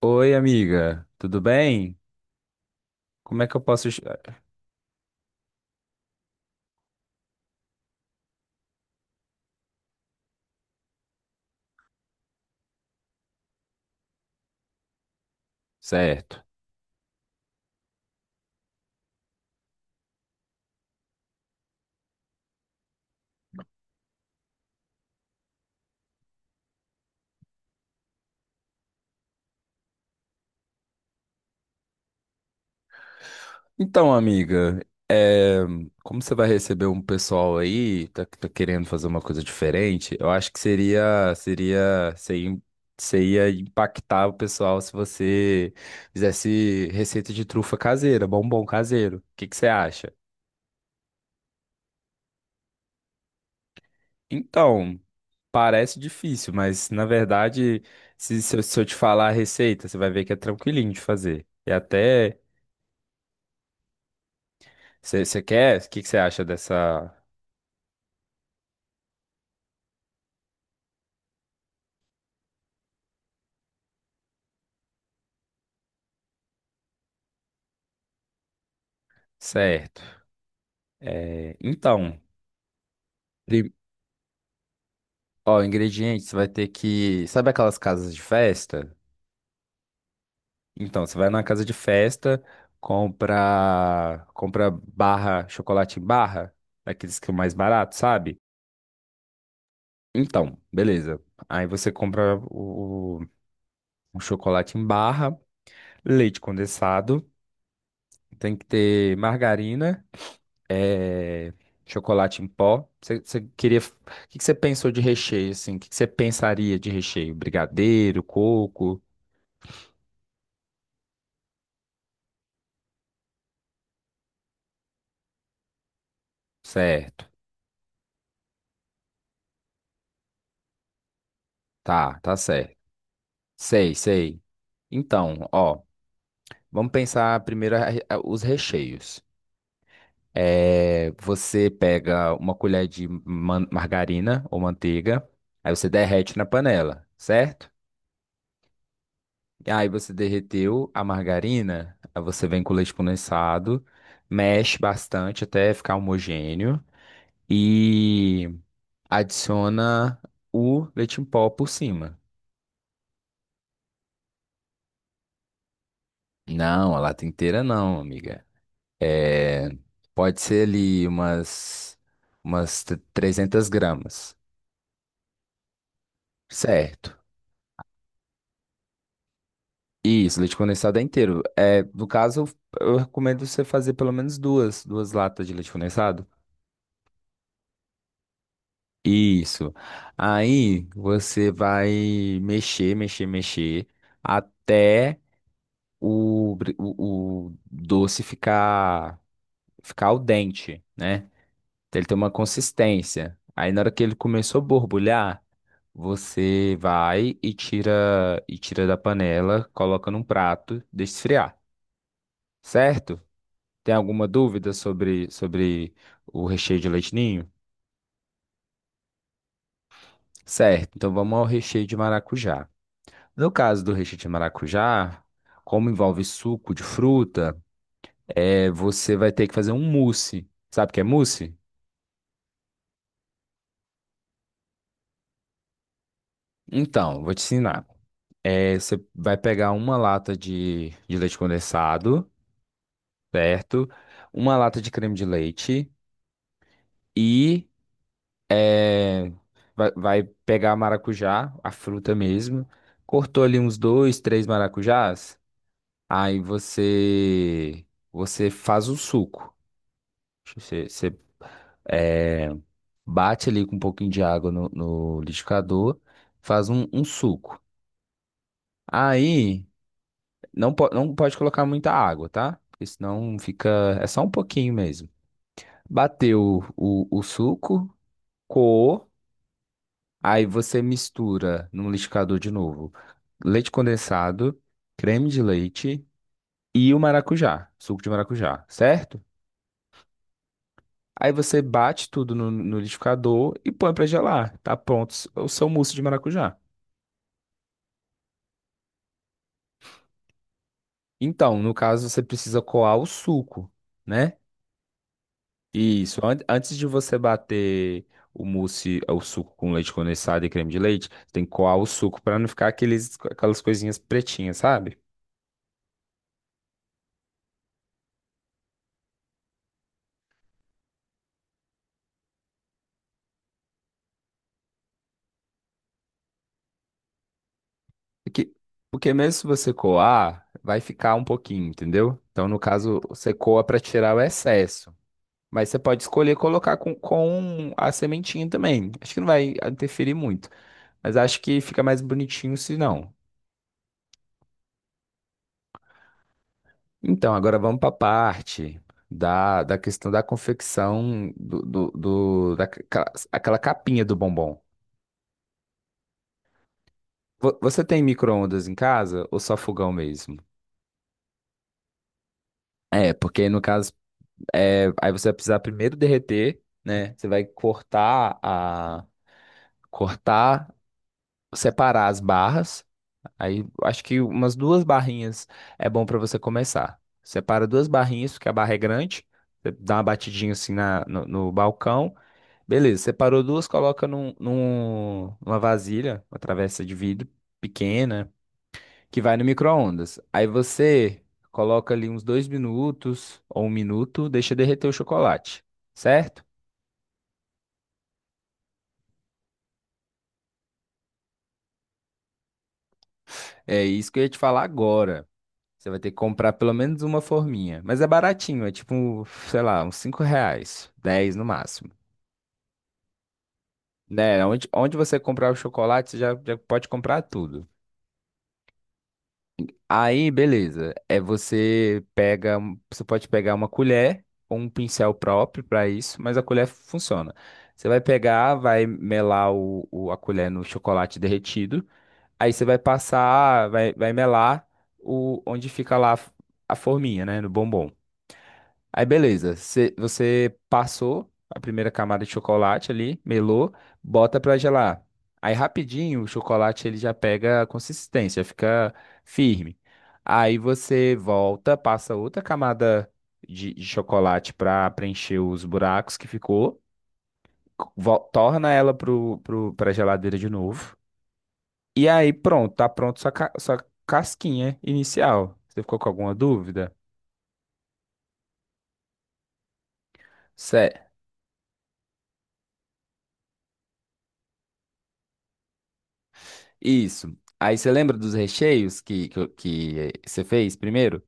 Oi, amiga, tudo bem? Como é que eu posso. Certo. Então, amiga, é, como você vai receber um pessoal aí, tá querendo fazer uma coisa diferente, eu acho que você ia impactar o pessoal se você fizesse receita de trufa caseira, bombom caseiro. O que que você acha? Então, parece difícil, mas na verdade, se eu te falar a receita, você vai ver que é tranquilinho de fazer. E até. Você quer? O que você acha dessa? Certo. Então, prim- ó, ingredientes, você vai ter que. Sabe aquelas casas de festa? Então, você vai na casa de festa, compra barra, chocolate em barra, daqueles que é o mais barato, sabe? Então, beleza. Aí você compra o chocolate em barra, leite condensado, tem que ter margarina. é, Chocolate em pó. Você queria. O que que você pensou de recheio, assim? O que que você pensaria de recheio? Brigadeiro, coco? Certo. Tá, tá certo. Sei, sei. Então, ó, vamos pensar primeiro os recheios. Você pega uma colher de margarina ou manteiga, aí você derrete na panela, certo? Aí você derreteu a margarina, aí você vem com o leite condensado, mexe bastante até ficar homogêneo e adiciona o leite em pó por cima. Não, a lata inteira não, amiga. É, pode ser ali umas 300 gramas, certo? Isso, leite condensado é inteiro. No caso, eu recomendo você fazer pelo menos duas latas de leite condensado. Isso. Aí você vai mexer, mexer, mexer até o doce ficar al dente, né? Até ele ter uma consistência. Aí na hora que ele começou a borbulhar, você vai e tira da panela, coloca num prato, deixa esfriar, certo? Tem alguma dúvida sobre o recheio de leite ninho? Certo. Então vamos ao recheio de maracujá. No caso do recheio de maracujá, como envolve suco de fruta, você vai ter que fazer um mousse. Sabe o que é mousse? Então, vou te ensinar. Você vai pegar uma lata de leite condensado, certo? Uma lata de creme de leite e é, vai pegar a maracujá, a fruta mesmo. Cortou ali uns dois, três maracujás. Aí você faz o suco. Você, é, bate ali com um pouquinho de água no liquidificador, faz um suco. Aí não pode colocar muita água, tá? Porque senão fica. É só um pouquinho mesmo. Bateu o suco, coou, aí você mistura no liquidificador de novo leite condensado, creme de leite e o maracujá, suco de maracujá, certo? Aí você bate tudo no liquidificador e põe pra gelar. Tá pronto o seu mousse de maracujá. Então, no caso, você precisa coar o suco, né? Isso. Antes de você bater o mousse, o suco com leite condensado e creme de leite, tem que coar o suco para não ficar aquelas coisinhas pretinhas, sabe? Porque, porque mesmo se você coar, vai ficar um pouquinho, entendeu? Então, no caso, você coa para tirar o excesso. Mas você pode escolher colocar com a sementinha também. Acho que não vai interferir muito. Mas acho que fica mais bonitinho se não. Então, agora vamos para a parte da questão da confecção aquela capinha do bombom. Você tem micro-ondas em casa ou só fogão mesmo? Porque no caso, aí você vai precisar primeiro derreter, né? Você vai cortar, separar as barras. Aí acho que umas duas barrinhas é bom para você começar. Separa duas barrinhas, porque a barra é grande. Você dá uma batidinha assim na, no no balcão. Beleza, separou duas, coloca numa vasilha, uma travessa de vidro pequena, que vai no micro-ondas. Aí você coloca ali uns dois minutos ou um minuto, deixa derreter o chocolate, certo? É isso que eu ia te falar agora. Você vai ter que comprar pelo menos uma forminha. Mas é baratinho, é tipo, sei lá, uns 5 reais, 10 no máximo. Né? Onde você comprar o chocolate, você já, já pode comprar tudo. Aí, beleza. Você pode pegar uma colher ou um pincel próprio para isso, mas a colher funciona. Você vai pegar, vai melar a colher no chocolate derretido. Aí você vai passar, vai melar onde fica lá a forminha, né, no bombom. Aí beleza, você passou a primeira camada de chocolate ali, melou, bota pra gelar. Aí rapidinho o chocolate ele já pega a consistência, fica firme. Aí você volta, passa outra camada de chocolate pra preencher os buracos que ficou, torna ela pra geladeira de novo. E aí pronto, tá pronto sua casquinha inicial. Você ficou com alguma dúvida? Isso. Aí você lembra dos recheios que você fez primeiro?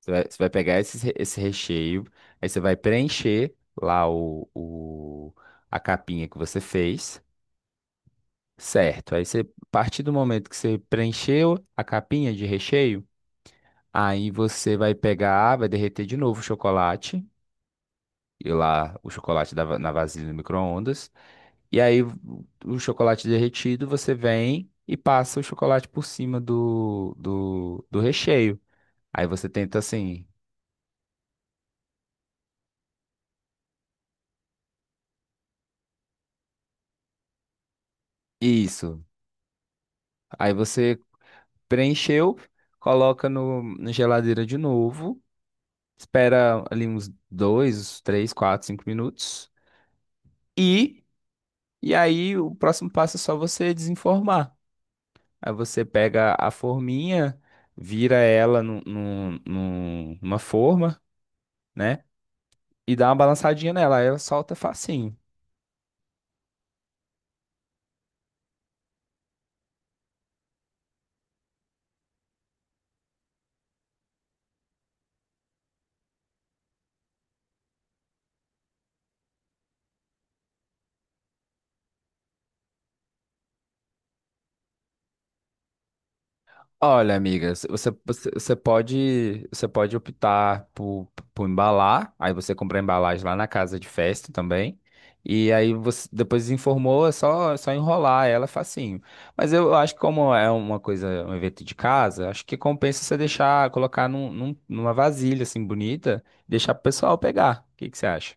Você vai pegar esse recheio, aí você vai preencher lá a capinha que você fez, certo? Aí a partir do momento que você preencheu a capinha de recheio, aí você vai pegar, vai derreter de novo o chocolate, e lá o chocolate na vasilha do micro-ondas. E aí o chocolate derretido você vem e passa o chocolate por cima do recheio. Aí você tenta assim, isso. Aí você preencheu, coloca no, na geladeira de novo, espera ali uns dois, uns três, quatro, cinco minutos e e aí o próximo passo é só você desenformar. Aí você pega a forminha, vira ela numa forma né? e dá uma balançadinha nela, aí ela solta facinho. Olha, amiga, você pode optar por embalar, aí você compra a embalagem lá na casa de festa também. E aí você depois informou, é só enrolar ela facinho. Mas eu acho que como é uma coisa, um evento de casa, acho que compensa você deixar, colocar numa vasilha assim bonita, deixar pro pessoal pegar. O que que você acha?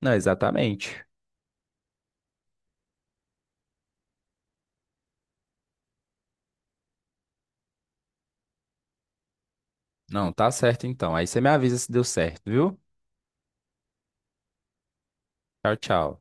Não, exatamente. Não, tá certo então. Aí você me avisa se deu certo, viu? Tchau, tchau.